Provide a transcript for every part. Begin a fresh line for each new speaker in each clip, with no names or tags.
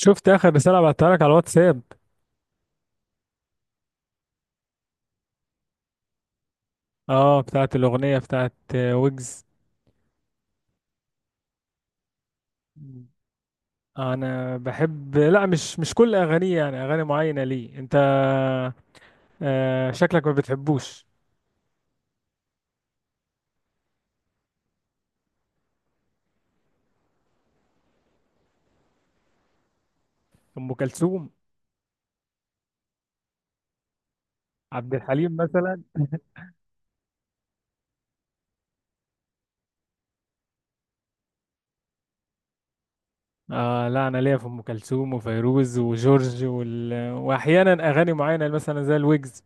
شفت اخر رساله بعتها لك على الواتساب. اه، بتاعت الاغنيه بتاعت ويجز. انا بحب، لا، مش كل اغانيه، يعني اغاني معينه. ليه انت؟ آه، شكلك ما بتحبوش. ام كلثوم، عبد الحليم مثلا. آه، لا، انا ليا في ام كلثوم وفيروز وجورج واحيانا اغاني معينه مثلا زي الويجز.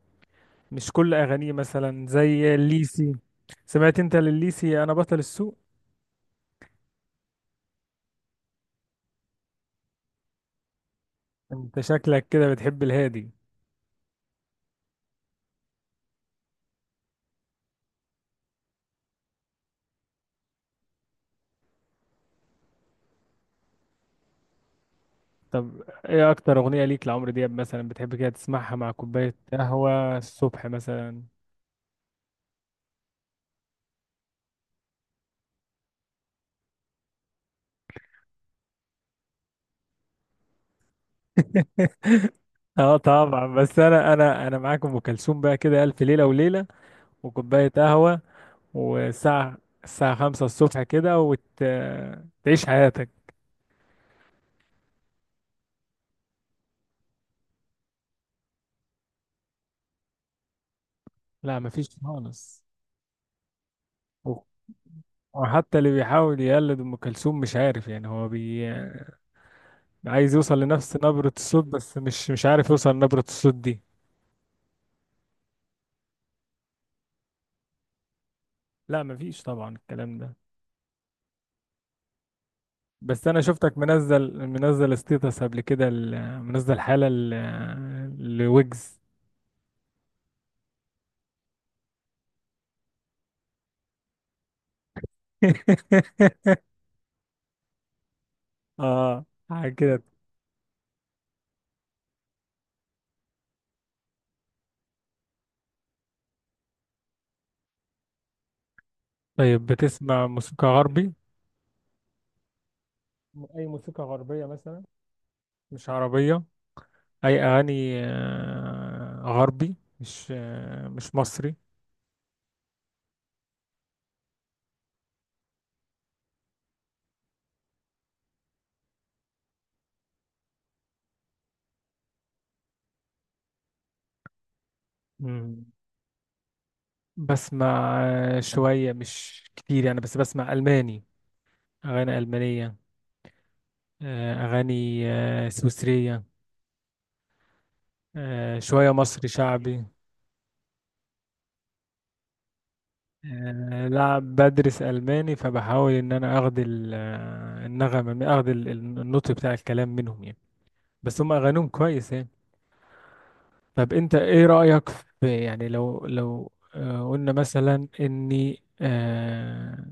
مش كل اغانيه، مثلا زي الليسي. سمعت انت لليسي؟ انا بطل السوق. انت شكلك كده بتحب الهادي. طب ايه اكتر اغنية ليك لعمرو دياب مثلا بتحب كده تسمعها مع كوباية قهوة الصبح مثلا؟ اه طبعا. بس انا، انا معاك. ام كلثوم بقى، كده الف ليله وليله وكوبايه قهوه. والساعه خمسة الصبح كده، وتعيش حياتك. لا مفيش خالص. و- وحتى اللي بيحاول يقلد ام كلثوم مش عارف، يعني هو عايز يوصل لنفس نبره الصوت، بس مش عارف يوصل لنبره الصوت دي. لا مفيش طبعا الكلام ده. بس انا شفتك منزل ستيتس قبل كده، منزل حالة لويجز. اه، حاجة كده. طيب بتسمع موسيقى غربي؟ اي موسيقى غربية مثلا، مش عربية. اي اغاني غربي، مش مصري. مم. بسمع شوية، مش كتير يعني، بس بسمع الماني، اغاني المانية. اغاني سويسرية. شوية مصري شعبي. لا بدرس ألماني، فبحاول إن أنا أخد النغمة أخد النطق بتاع الكلام منهم يعني. بس هم أغانيهم كويس يعني. طب أنت إيه رأيك في، يعني لو قلنا مثلا إني، آه،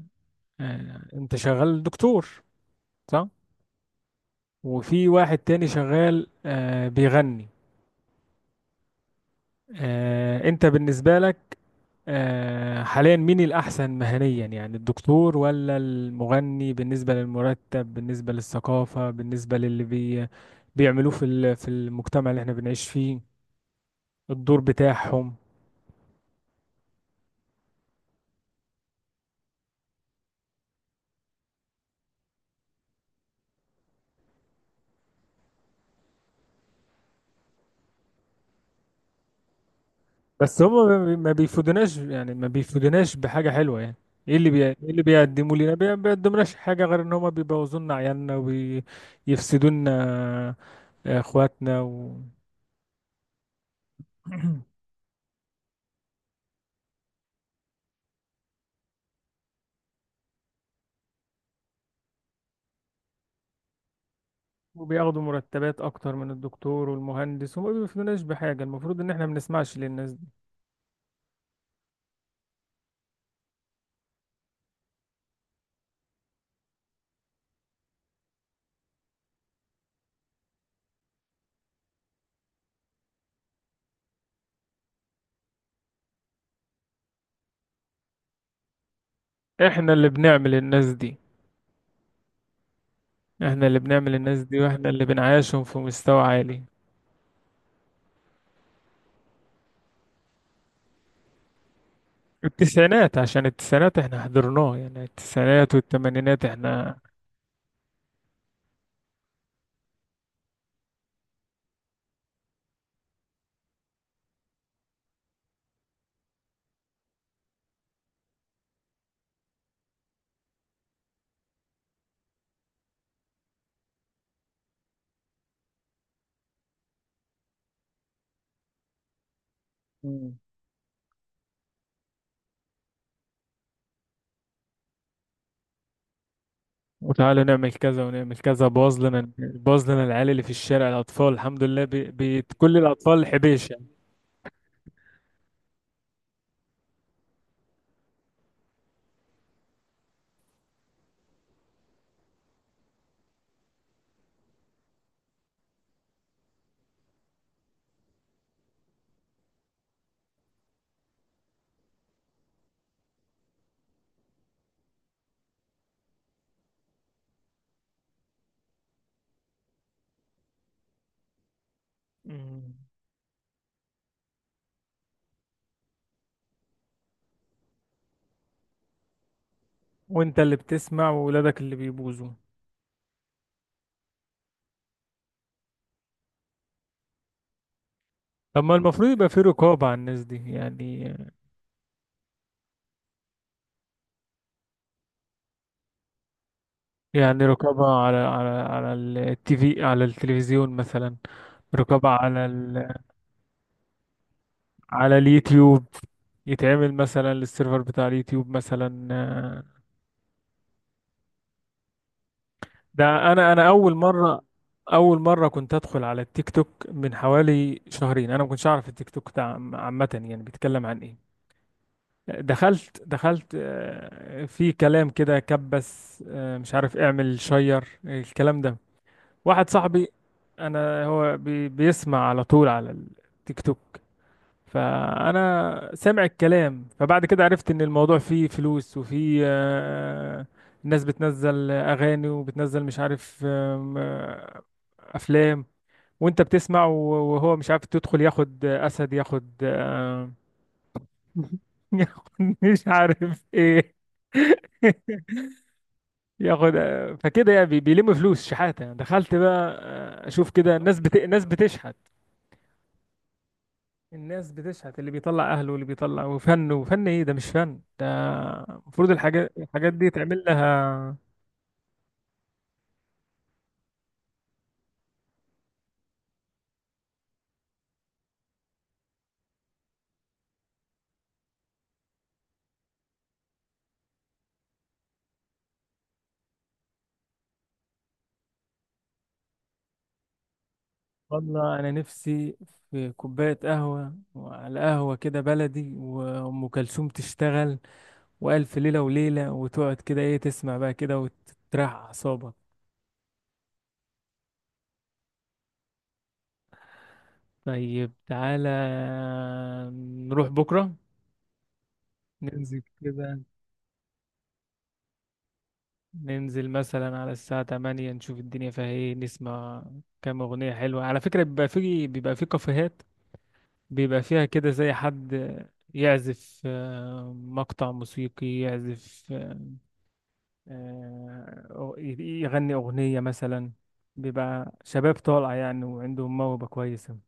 آه، أنت شغال دكتور صح؟ وفي واحد تاني شغال بيغني. أنت بالنسبة لك حاليا مين الأحسن مهنيا؟ يعني الدكتور ولا المغني؟ بالنسبة للمرتب، بالنسبة للثقافة، بالنسبة للي بيعملوه في في المجتمع اللي احنا بنعيش فيه. الدور بتاعهم. بس هم ما بيفيدوناش يعني، ما بيفيدوناش بحاجة حلوة يعني. ايه اللي بيقدموا لنا؟ ما بيقدمناش حاجة غير ان هم بيبوظوا لنا عيالنا، وبيفسدوا لنا اخواتنا وبياخدوا مرتبات اكتر من الدكتور والمهندس، وما بيفيدوناش بحاجة. المفروض ان احنا ما بنسمعش للناس دي. احنا اللي بنعمل الناس دي، احنا اللي بنعمل الناس دي، واحنا اللي بنعيشهم في مستوى عالي. التسعينات، عشان التسعينات احنا حضرناه يعني، التسعينات والثمانينات احنا. مم. وتعالوا نعمل كذا ونعمل كذا، باظ لنا باظ لنا العيال اللي في الشارع، الاطفال، الحمد لله، كل الاطفال حبيشه. مم. وانت اللي بتسمع، وولادك اللي بيبوظوا. طب ما المفروض يبقى في رقابه على الناس دي يعني. يعني رقابة على التي في، على التلفزيون مثلا. رقابة على اليوتيوب، يتعمل مثلا للسيرفر بتاع اليوتيوب مثلا ده انا اول مرة. اول مرة كنت ادخل على التيك توك من حوالي شهرين، انا ما كنتش اعرف التيك توك ده عامة يعني بيتكلم عن ايه. دخلت في كلام كده كبس، مش عارف اعمل شير الكلام ده. واحد صاحبي، انا هو بيسمع على طول على التيك توك. فانا سامع الكلام. فبعد كده عرفت ان الموضوع فيه فلوس، وفيه الناس بتنزل اغاني، وبتنزل مش عارف آم، آه، افلام. وانت بتسمع وهو مش عارف تدخل ياخد اسد، ياخد ياخد مش عارف ايه ياخد فكده يعني بيلم فلوس شحاته. دخلت بقى اشوف كده، الناس بتشحت. الناس بتشحت، اللي بيطلع اهله، واللي بيطلع، وفن، وفن ايه ده؟ مش فن ده. المفروض الحاجات دي تعمل لها. والله انا نفسي في كوبايه قهوه، وعلى قهوه كده بلدي، وام كلثوم تشتغل، والف ليله وليله، وتقعد كده، ايه تسمع بقى كده وتريح اعصابك. طيب تعالى نروح بكره، ننزل كده، ننزل مثلا على الساعة 8، نشوف الدنيا فيها ايه، نسمع كام أغنية حلوة. على فكرة بيبقى في كافيهات بيبقى فيها كده زي حد يعزف مقطع موسيقي، يعزف يغني أغنية مثلا. بيبقى شباب طالع يعني وعندهم موهبة كويسة.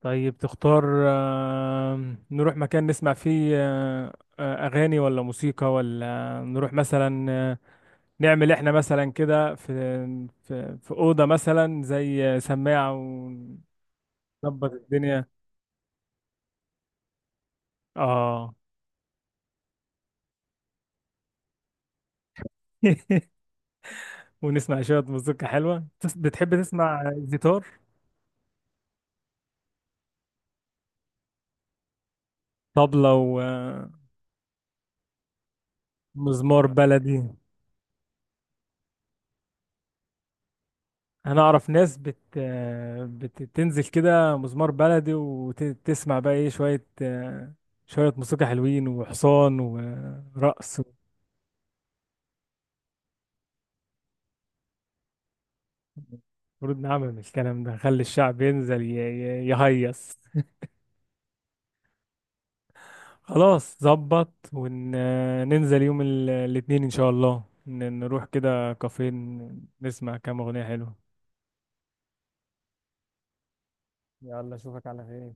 طيب تختار، نروح مكان نسمع فيه أغاني ولا موسيقى، ولا نروح مثلا نعمل احنا مثلا كده في في اوضه مثلا زي سماعه، ونظبط الدنيا. اه. ونسمع شويه مزيكا حلوه. بتحب تسمع جيتار، طبلة، ومزمار بلدي؟ انا اعرف ناس بتنزل كده مزمار بلدي، وتسمع بقى ايه، شويه شويه موسيقى حلوين، وحصان ورقص. المفروض نعمل الكلام ده، نخلي الشعب ينزل يهيص. خلاص، ظبط، وننزل يوم الاثنين ان شاء الله، نروح كده كافيه، نسمع كام اغنية حلوة. يلا اشوفك على خير.